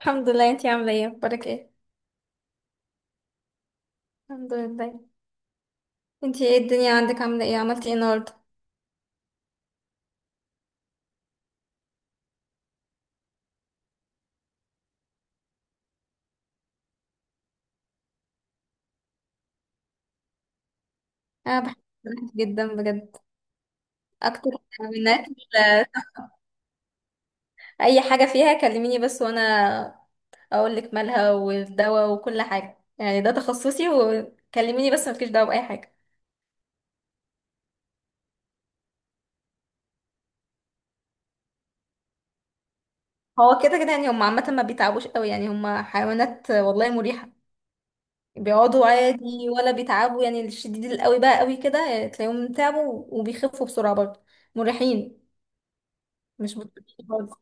الحمد لله. انتي عاملة ايه؟ اخبارك ايه؟ الحمد لله. انتي ايه الدنيا عندك، عاملة ايه، عملتي ايه النهاردة؟ انا بحب الأكل جدا بجد، اكتر من أكل. اي حاجة فيها كلميني بس، وانا اقول لك مالها والدواء وكل حاجة، يعني ده تخصصي. وكلميني بس، مفيش دواء بأي حاجة. هو كده كده يعني، هم عامة ما بيتعبوش قوي، يعني هم حيوانات والله مريحة. بيقعدوا عادي ولا بيتعبوا، يعني الشديد القوي بقى قوي كده، يعني تلاقيهم تعبوا وبيخفوا بسرعة برضه. مريحين، مش بطيئين خالص.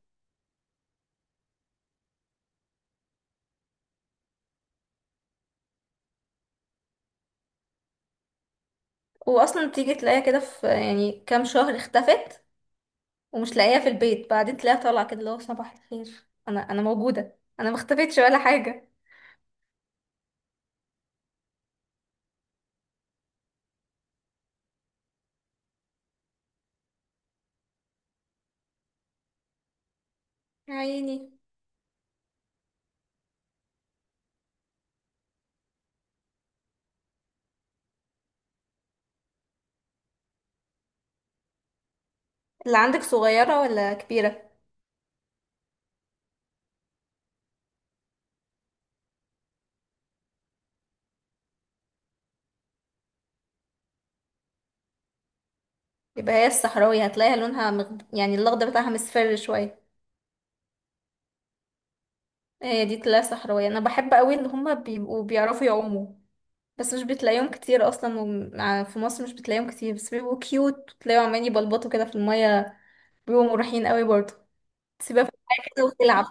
واصلا بتيجي تلاقيها كده في يعني كام شهر اختفت ومش لاقيها في البيت، بعدين تلاقيها طالعه كده، اللي هو صباح الخير، انا موجوده، انا ما اختفتش ولا حاجه. يا عيني، اللي عندك صغيره ولا كبيره؟ يبقى هي الصحراوي، هتلاقيها لونها يعني الاخضر بتاعها مصفر شويه. هي دي تلاقيها صحراويه. انا بحب قوي اللي هما بيبقوا بيعرفوا يعوموا، بس مش بتلاقيهم كتير اصلا، في مصر مش بتلاقيهم كتير، بس بيبقوا كيوت وتلاقيهم عمالين يبلبطوا كده في الميه، بيبقوا مريحين قوي برضه. تسيبها في الميه كده وتلعب،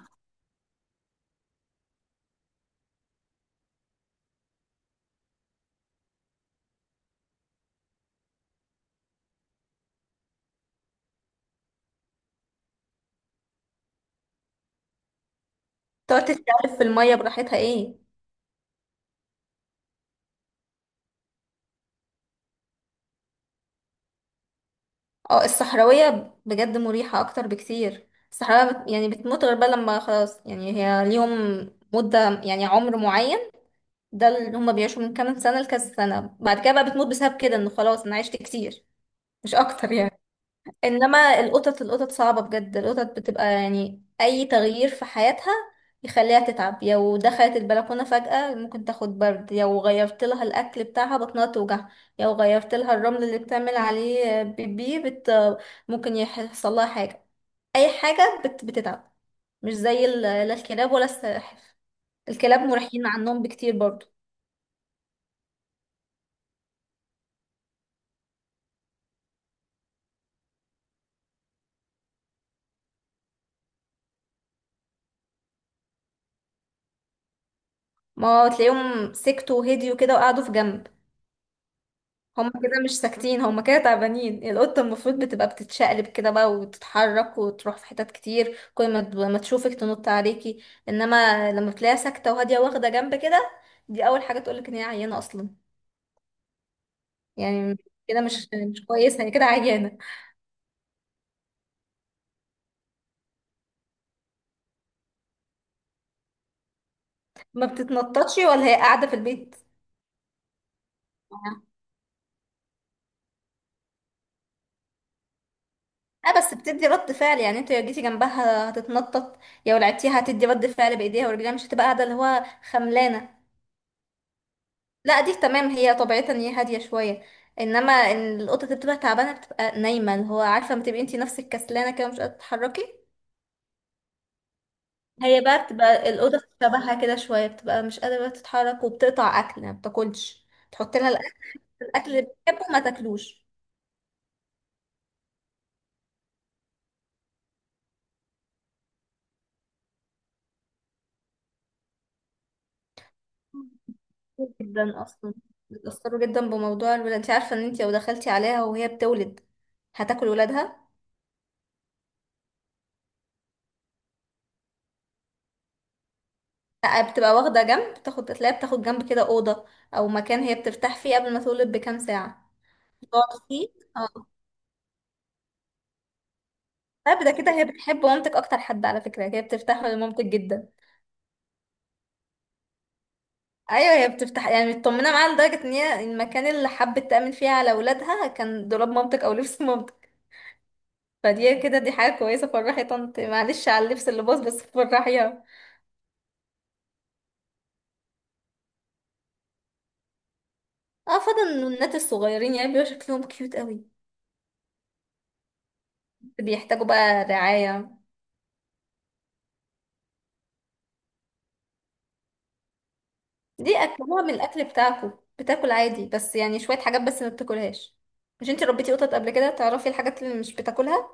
تقعد تتكلم في المية براحتها ايه. اه الصحراوية بجد مريحة اكتر بكتير. الصحراوية يعني بتموت غير بقى لما خلاص، يعني هي ليهم مدة يعني عمر معين، ده اللي هما بيعيشوا من كام سنة لكذا سنة، بعد كده بقى بتموت بسبب كده انه خلاص انا عشت كتير، مش اكتر يعني. انما القطط، القطط صعبة بجد. القطط بتبقى يعني اي تغيير في حياتها يخليها تتعب. لو دخلت البلكونة فجأة ممكن تاخد برد، لو غيرت لها الاكل بتاعها بطنها توجع، لو غيرت لها الرمل اللي بتعمل عليه بيبي ممكن يحصل لها حاجة، اي حاجة بتتعب. مش زي لا الكلاب ولا السلاحف، الكلاب مريحين عنهم بكتير برضو. ما تلاقيهم سكتوا وهديوا كده وقعدوا في جنب، هم كده مش ساكتين، هم كده تعبانين. القطة المفروض بتبقى بتتشقلب كده بقى وتتحرك وتروح في حتت كتير، كل ما تشوفك تنط عليكي، انما لما بتلاقيها ساكتة وهادية واخدة جنب كده، دي اول حاجة تقولك ان هي عيانة اصلا، يعني كده مش كويسة، هي كده عيانة. ما بتتنططش ولا هي قاعدة في البيت، اه بس بتدي رد فعل، يعني انت لو جيتي جنبها هتتنطط، يا لو لعبتيها هتدي رد فعل بايديها ورجليها، مش هتبقى قاعدة اللي هو خملانة. لا دي تمام، هي طبيعتها ان هي هاديه شويه، انما ان القطه اللي بتبقى تعبانه بتبقى نايمه، اللي هو عارفه لما تبقي انتي نفسك كسلانه كده مش قادره تتحركي، هي بقى بتبقى القطه شبهها كده شويه، بتبقى مش قادره تتحرك وبتقطع اكل، ما بتاكلش، تحط لها الاكل، الأكل اللي بتحبه ما تاكلوش. كتير جدا اصلا بيتاثروا جدا بموضوع الولاد. انت عارفه ان انت لو دخلتي عليها وهي بتولد هتاكل ولادها؟ لا بتبقى واخده جنب، بتاخد تلاقيها بتاخد جنب كده اوضه او مكان هي بترتاح فيه قبل ما تولد بكام ساعه، تقعد فيه. طيب ده كده هي بتحب مامتك اكتر حد على فكره، هي بترتاح لمامتك جدا. ايوه هي بتفتح يعني مطمنه معاها لدرجه ان هي المكان اللي حبت تامن فيه على اولادها كان دولاب مامتك او لبس مامتك، فدي كده دي حاجه كويسه. فرحي طنط، معلش على اللبس اللي باظ بس فرحيها. اه فضل النونات الصغيرين، يعني بيبقى شكلهم كيوت قوي، بيحتاجوا بقى رعايه. دي اكلوها من الاكل بتاعكو؟ بتاكل عادي بس يعني شويه حاجات بس ما بتاكلهاش. مش انتي ربيتي قطط قبل كده، تعرفي الحاجات اللي مش بتاكلها؟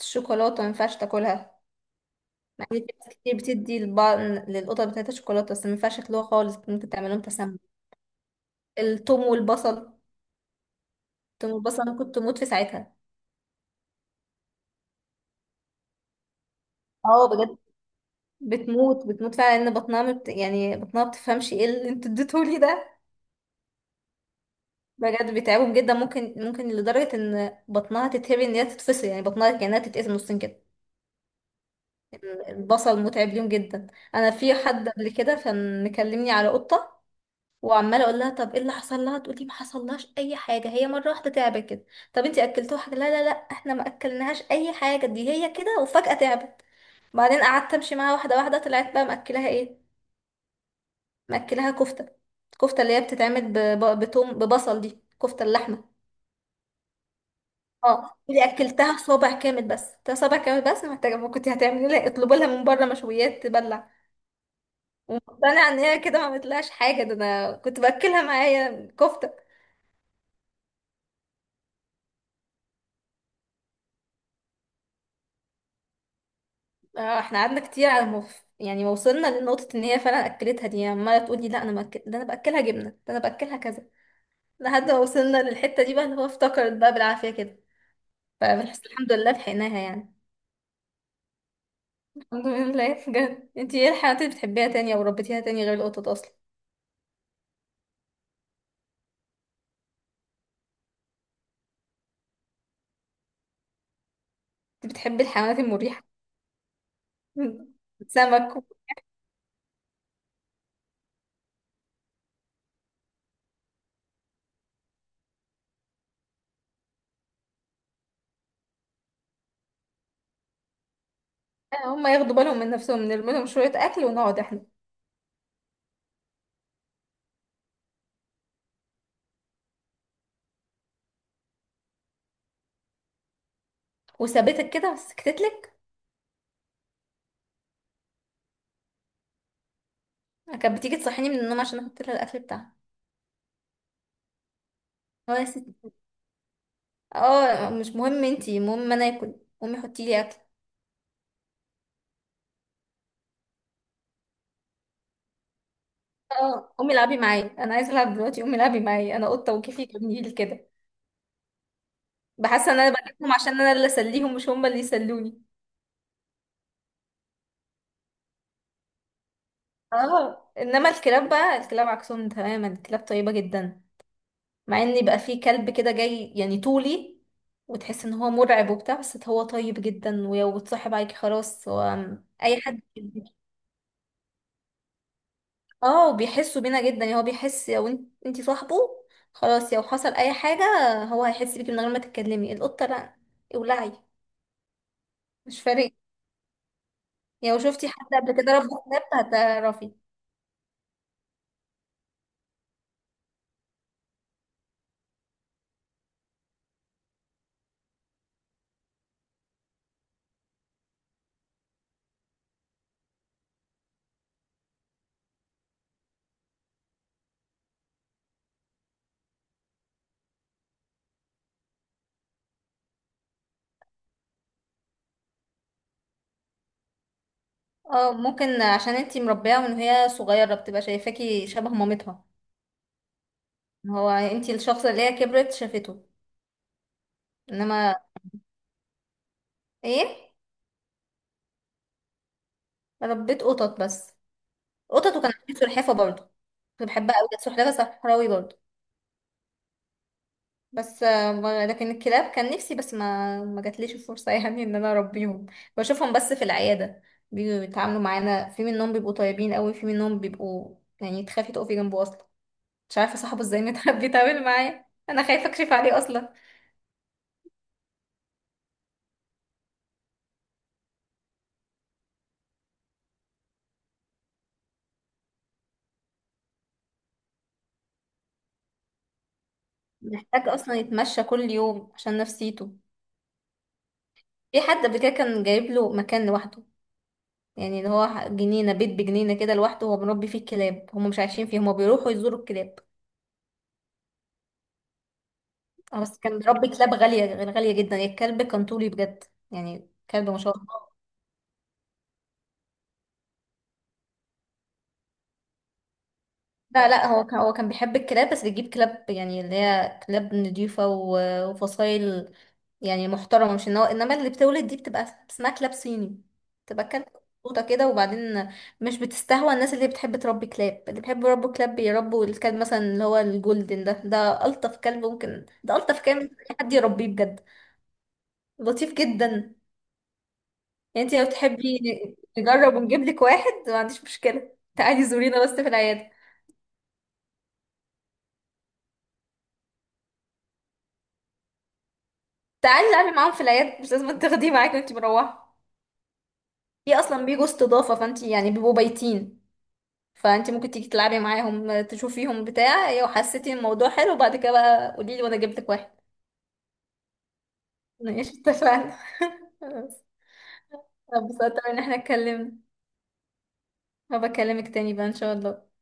الشوكولاته ما ينفعش تاكلها، مع ان في ناس كتير بتدي لبعض للقطط بتاعتها شوكولاته، بس ما ينفعش ياكلوها خالص، ممكن تعمل لهم تسمم. التوم والبصل، التوم والبصل، انا كنت اموت في ساعتها. اه بجد، بتموت، بتموت فعلا، ان بطنها يعني بطنها بتفهمش ايه اللي انتوا اديتهولي ده. بجد بيتعبهم جدا، ممكن لدرجه ان بطنها تتهري، ان هي تتفصل، يعني بطنها كانها تتقسم نصين كده. البصل متعب ليهم جدا. انا في حد قبل كده كان مكلمني على قطه، وعماله اقول لها طب ايه اللي حصل لها، تقول لي ما حصلهاش اي حاجه، هي مره واحده تعبت كده. طب انتي اكلتوها حاجه؟ لا احنا ما اكلناهاش اي حاجه، دي هي كده وفجاه تعبت. بعدين قعدت امشي معاها واحده واحده، طلعت بقى مأكلاها ايه؟ مأكلاها كفته، الكفته اللي هي بتتعمل بتوم ببصل، دي كفته اللحمه. اه اللي اكلتها صابع كامل، بس ده صابع كامل، بس محتاجه. ما كنت هتعملي لها اطلبوا لها من بره مشويات تبلع؟ ومقتنعه ان هي كده ما عملتلهاش حاجه، ده انا كنت باكلها معايا كفته. آه، احنا قعدنا كتير على موف، يعني ما وصلنا لنقطة ان هي فعلا اكلتها دي، يعني عمالة تقولي لا انا ده انا باكلها جبنة، ده انا باكلها كذا، لحد ما وصلنا للحتة دي بقى اللي هو افتكرت بقى بالعافية كده. فبنحس الحمد لله لحقناها يعني. الحمد لله بجد. انتي ايه الحيوانات اللي بتحبيها تاني او ربيتيها تاني غير القطط اصلا؟ انتي بتحبي الحيوانات المريحة. سمك آه، هم ياخدوا بالهم من نفسهم، نرمي لهم شوية اكل ونقعد احنا. وثابتك كده وسكتتلك؟ كانت بتيجي تصحيني من النوم عشان احط لها الاكل بتاعها، هو يا ستي. اه مش مهم انتي، المهم انا اكل، امي حطي لي اكل. اه امي العبي معايا، انا عايزه العب دلوقتي، امي العبي معايا، انا قطه وكيفي جميل لي كده. بحس ان انا بجيبهم عشان انا اللي اسليهم، مش هم اللي يسلوني. اه انما الكلاب بقى، الكلاب عكسهم تماما، الكلاب طيبه جدا. مع ان يبقى في كلب كده جاي يعني طولي، وتحس ان هو مرعب وبتاع، بس هو طيب جدا، ولو اتصاحب عليكي خلاص هو اي حد. اه وبيحسوا بينا جدا، يعني هو بيحس لو انت صاحبه، خلاص لو حصل اي حاجة هو هيحس بيكي من غير ما تتكلمي. القطة لا، ولعي، مش فارق، يعني لو شفتي حد قبل كده ربى كلاب هتعرفي. اه ممكن عشان انتي مربية من وهي صغيرة بتبقى شايفاكي شبه مامتها، هو انتي الشخص اللي هي كبرت شافته. انما ايه؟ ربيت قطط بس، قطط، وكان عندي سلحفة برضه، كنت بحبها قوي، كانت سلحفة صحراوي برضه. بس آه، لكن الكلاب كان نفسي، بس ما جاتليش الفرصة يعني ان انا اربيهم. بشوفهم بس في العيادة، بيجوا يتعاملوا معانا، في منهم بيبقوا طيبين قوي، في منهم بيبقوا يعني تخافي تقفي جنبه اصلا، مش عارفة صاحبه ازاي متعب بيتعامل معايا، انا خايفة اكشف عليه اصلا. محتاج اصلا يتمشى كل يوم عشان نفسيته. في حد قبل كده كان جايب له مكان لوحده، يعني اللي هو جنينة، بيت بجنينة كده لوحده، هو مربي فيه الكلاب، هم مش عايشين فيه، هم بيروحوا يزوروا الكلاب. اه بس كان ربي كلاب غالية، غالية جدا، الكلب كان طولي بجد، يعني كلب ما شاء الله. لا لا، هو كان بيحب الكلاب، بس بيجيب كلاب يعني اللي هي كلاب نضيفة وفصايل يعني محترمة، مش ان هو انما اللي بتولد دي بتبقى اسمها كلاب صيني، بتبقى كلب، قطة كده، وبعدين مش بتستهوى الناس اللي بتحب تربي كلاب. اللي بيحبوا يربوا كلاب بيربوا الكلب مثلا اللي هو الجولدن ده ألطف كلب ممكن، ده ألطف كلب ممكن أي حد يربيه بجد، لطيف جدا. يعني انت لو تحبي نجرب ونجيب لك واحد، ما عنديش مشكلة، تعالي زورينا بس في العيادة، تعالي نعمل معاهم في العيادة، مش لازم تاخديه معاكي وانت مروحة. في اصلا بيجوا استضافة، فانت يعني بيبقوا بايتين، فانت ممكن تيجي تلعبي معاهم تشوفيهم بتاع، لو حسيتي الموضوع حلو بعد كده بقى قولي لي وانا جبت لك واحد. ماشي، اتفقنا. بس اتبسطت ان احنا اتكلمنا، هبقى اكلمك تاني بقى ان شاء الله.